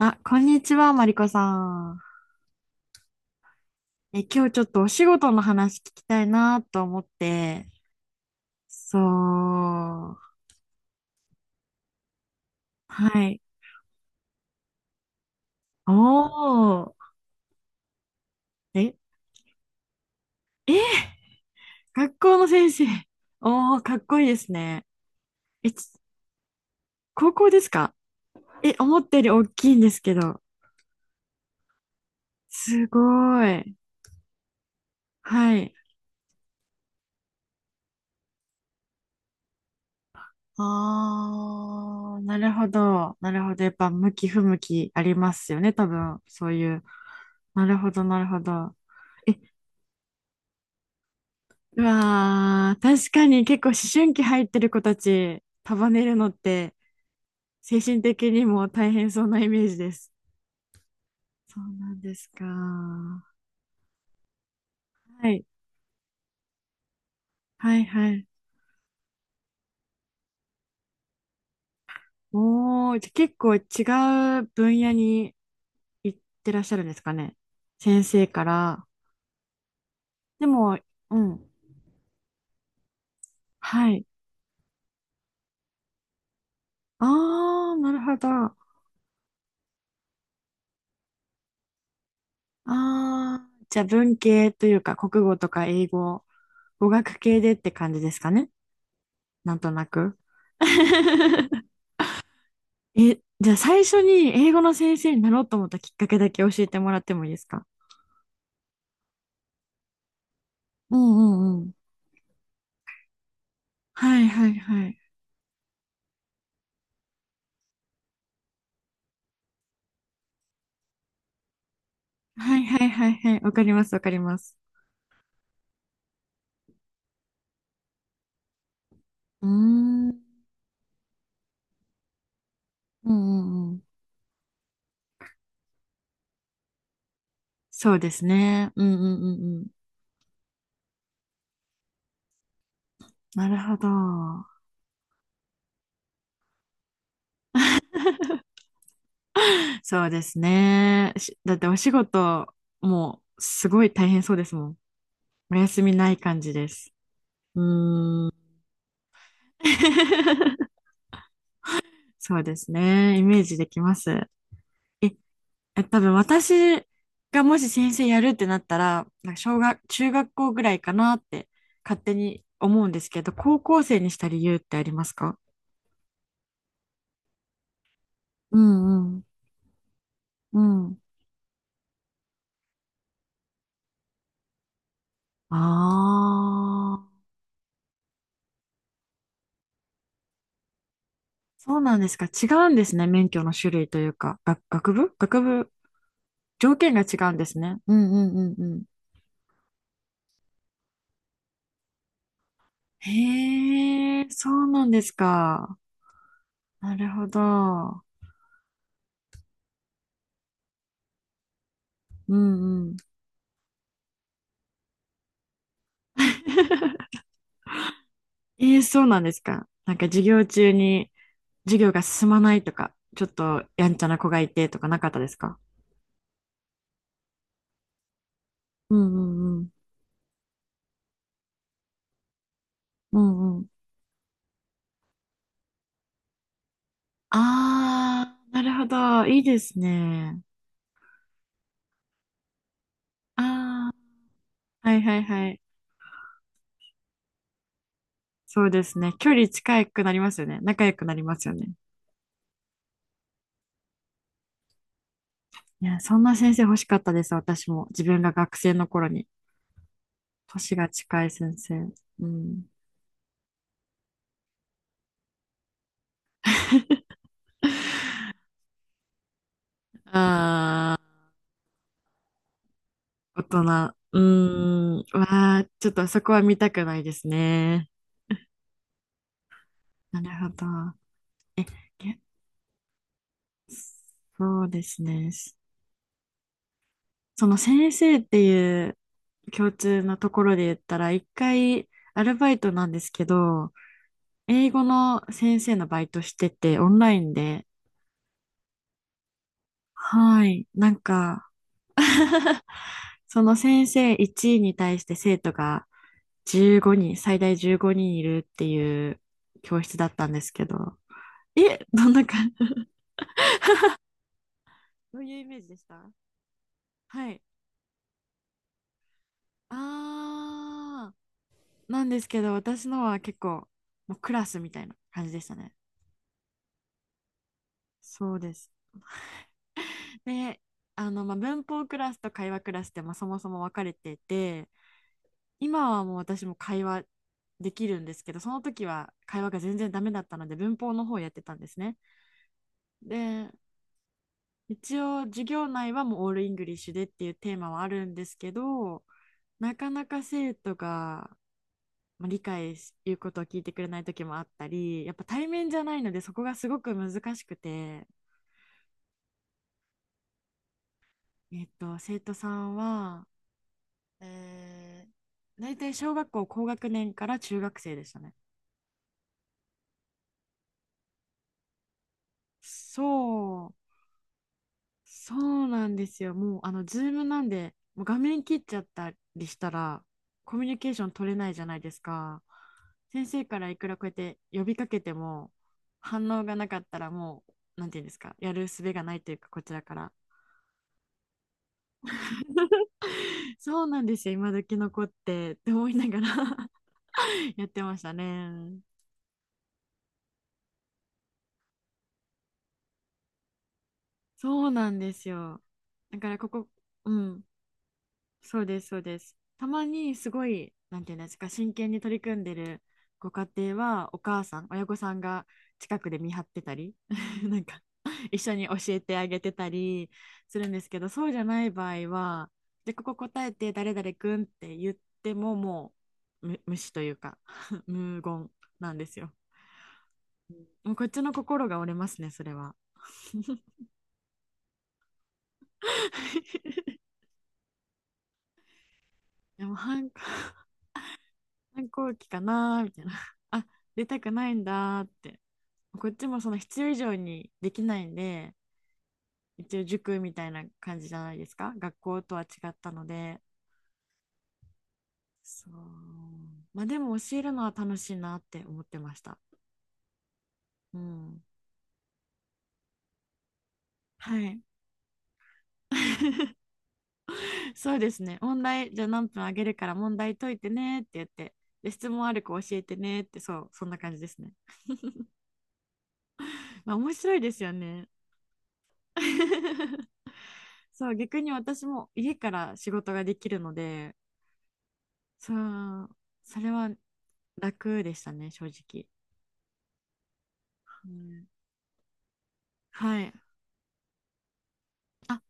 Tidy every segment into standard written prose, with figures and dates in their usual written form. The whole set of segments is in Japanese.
あ、こんにちは、マリコさん。今日ちょっとお仕事の話聞きたいなと思って。そう。はい。おー。え、え、学校の先生。おー、かっこいいですね。え、ち高校ですか？思ったより大きいんですけど。すごい。はい。あー、なるほど。なるほど。やっぱ向き不向きありますよね、多分。そういう。なるほど、なるほど。え、うわー、確かに結構思春期入ってる子たち束ねるのって精神的にも大変そうなイメージです。そうなんですか。はい。はいはい。おー、じゃあ結構違う分野に行ってらっしゃるんですかね。先生から。でも、うん。はい。あー、なるほど。あー、じゃあ文系というか国語とか英語、語学系でって感じですかね。なんとなく。じゃあ最初に英語の先生になろうと思ったきっかけだけ教えてもらってもいいですか？うんうんうん。はいはいはい。はいはいはいはい。わかりますわかります。うん。うーん。うんうんうん。そうですね。うんうんうんうん。なるほど。そうですね。し、だってお仕事もうすごい大変そうですもん。お休みない感じです。うーん。そうですね。イメージできます。え、多分私がもし先生やるってなったら、なんか小学、中学校ぐらいかなって勝手に思うんですけど、高校生にした理由ってありますか？うんうん。うん。ああ、そうなんですか。違うんですね。免許の種類というか、学部、条件が違うんですね。うんうんうんうん。へえ、そうなんですか。なるほど。うん。うんうん。ええ、そうなんですか。なんか授業中に授業が進まないとか、ちょっとやんちゃな子がいてとかなかったですか？うんうんうん。うんうん。ああ、なるほど。いいですね。あー、はいはいはい。そうですね。距離近くなりますよね。仲良くなりますよね。いや、そんな先生欲しかったです。私も。自分が学生の頃に。年が近い先生。うん。ああ、大人。うーん。わあ、ちょっとそこは見たくないですね。なるほど。え、そうですね。その先生っていう共通のところで言ったら、一回アルバイトなんですけど、英語の先生のバイトしてて、オンラインで、はい、なんか その先生1位に対して生徒が15人、最大15人いるっていう教室だったんですけど、え、どんな感じ？ どういうイメージでした？はい。あー、なんですけど、私のは結構、もうクラスみたいな感じでしたね。そうです。で、文法クラスと会話クラスって、まあ、そもそも分かれてて、今はもう私も会話できるんですけど、その時は会話が全然ダメだったので、文法の方をやってたんですね。で、一応、授業内はもうオールイングリッシュでっていうテーマはあるんですけど、なかなか生徒が、まあ、理解し、いうことを聞いてくれない時もあったり、やっぱ対面じゃないので、そこがすごく難しくて、生徒さんは、え大体小学校高学年から中学生でしたね。そう、そうなんですよ。もう、あの、ズームなんで、もう画面切っちゃったりしたら、コミュニケーション取れないじゃないですか。先生からいくらこうやって呼びかけても、反応がなかったらもう、なんていうんですか、やる術がないというか、こちらから。そうなんですよ、今時の子って、って思いながら やってましたね。そうなんですよ。だからここ、うん、そうです、そうです。たまにすごい、なんていうんですか、真剣に取り組んでるご家庭は、お母さん、親御さんが近くで見張ってたり、なんか、一緒に教えてあげてたりするんですけど、そうじゃない場合は、で、ここ答えて、誰々くんって言っても、もう、む、無視というか、無言なんですよ。もうこっちの心が折れますね、それは。でも、反抗期かなーみたいな。あ、出たくないんだーって。こっちもその必要以上にできないんで、一応塾みたいな感じじゃないですか。学校とは違ったので。そう。まあでも教えるのは楽しいなって思ってました。うん。はい。そうですね。問題、じゃあ何分あげるから問題解いてねって言って、で、質問ある子教えてねって、そう、そんな感じですね。まあ面白いですよね。そう、逆に私も家から仕事ができるので、そう、それは楽でしたね、正直。うん、はい。あ、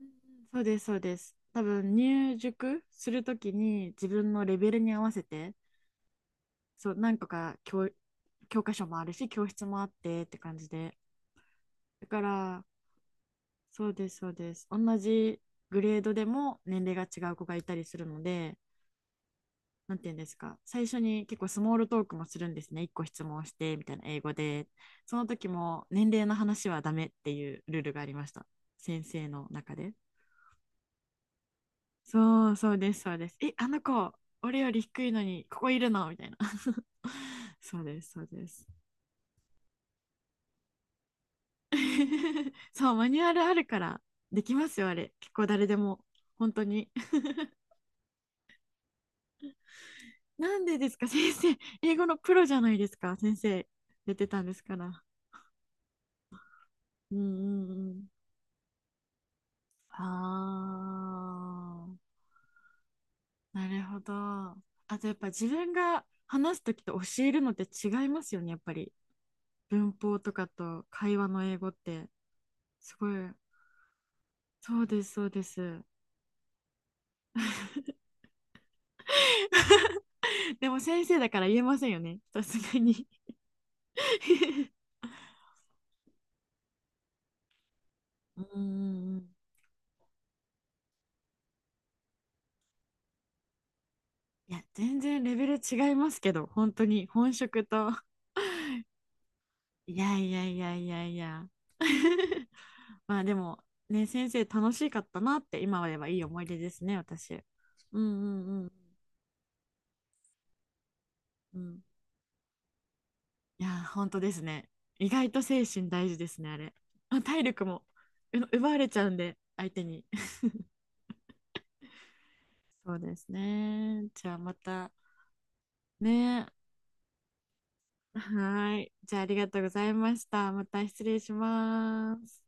うん、そうです、そうです。多分入塾するときに自分のレベルに合わせて、そう、何個か教、教科書もあるし、教室もあってって感じで。だから、そうです、そうです。同じグレードでも年齢が違う子がいたりするので、なんていうんですか、最初に結構スモールトークもするんですね。1個質問してみたいな英語で。その時も年齢の話はダメっていうルールがありました。先生の中で。そうそうです、そうです。え、あの子、俺より低いのにここいるのみたいな。そうです、そうです。そう、マニュアルあるからできますよ、あれ。結構誰でも。本当に。なんでですか、先生。英語のプロじゃないですか、先生。出てたんですから。うんうんうん。ああ、なるほど。あとやっぱ自分が話すときと教えるのって違いますよね、やっぱり。文法とかと会話の英語って。すごい。そうです、そうです。でも先生だから言えませんよね、さすがに。うんうんうん。いや、全然レベル違いますけど、本当に本職と。いやいやいやいやいや。まあでも、ね、先生楽しかったなって、今は言えばいい思い出ですね、私。うんうんうんうん。いやー、本当ですね。意外と精神大事ですね、あれ。まあ、体力もう奪われちゃうんで、相手に。そうですね。じゃあまた、ね。はーい。じゃあありがとうございました。また失礼します。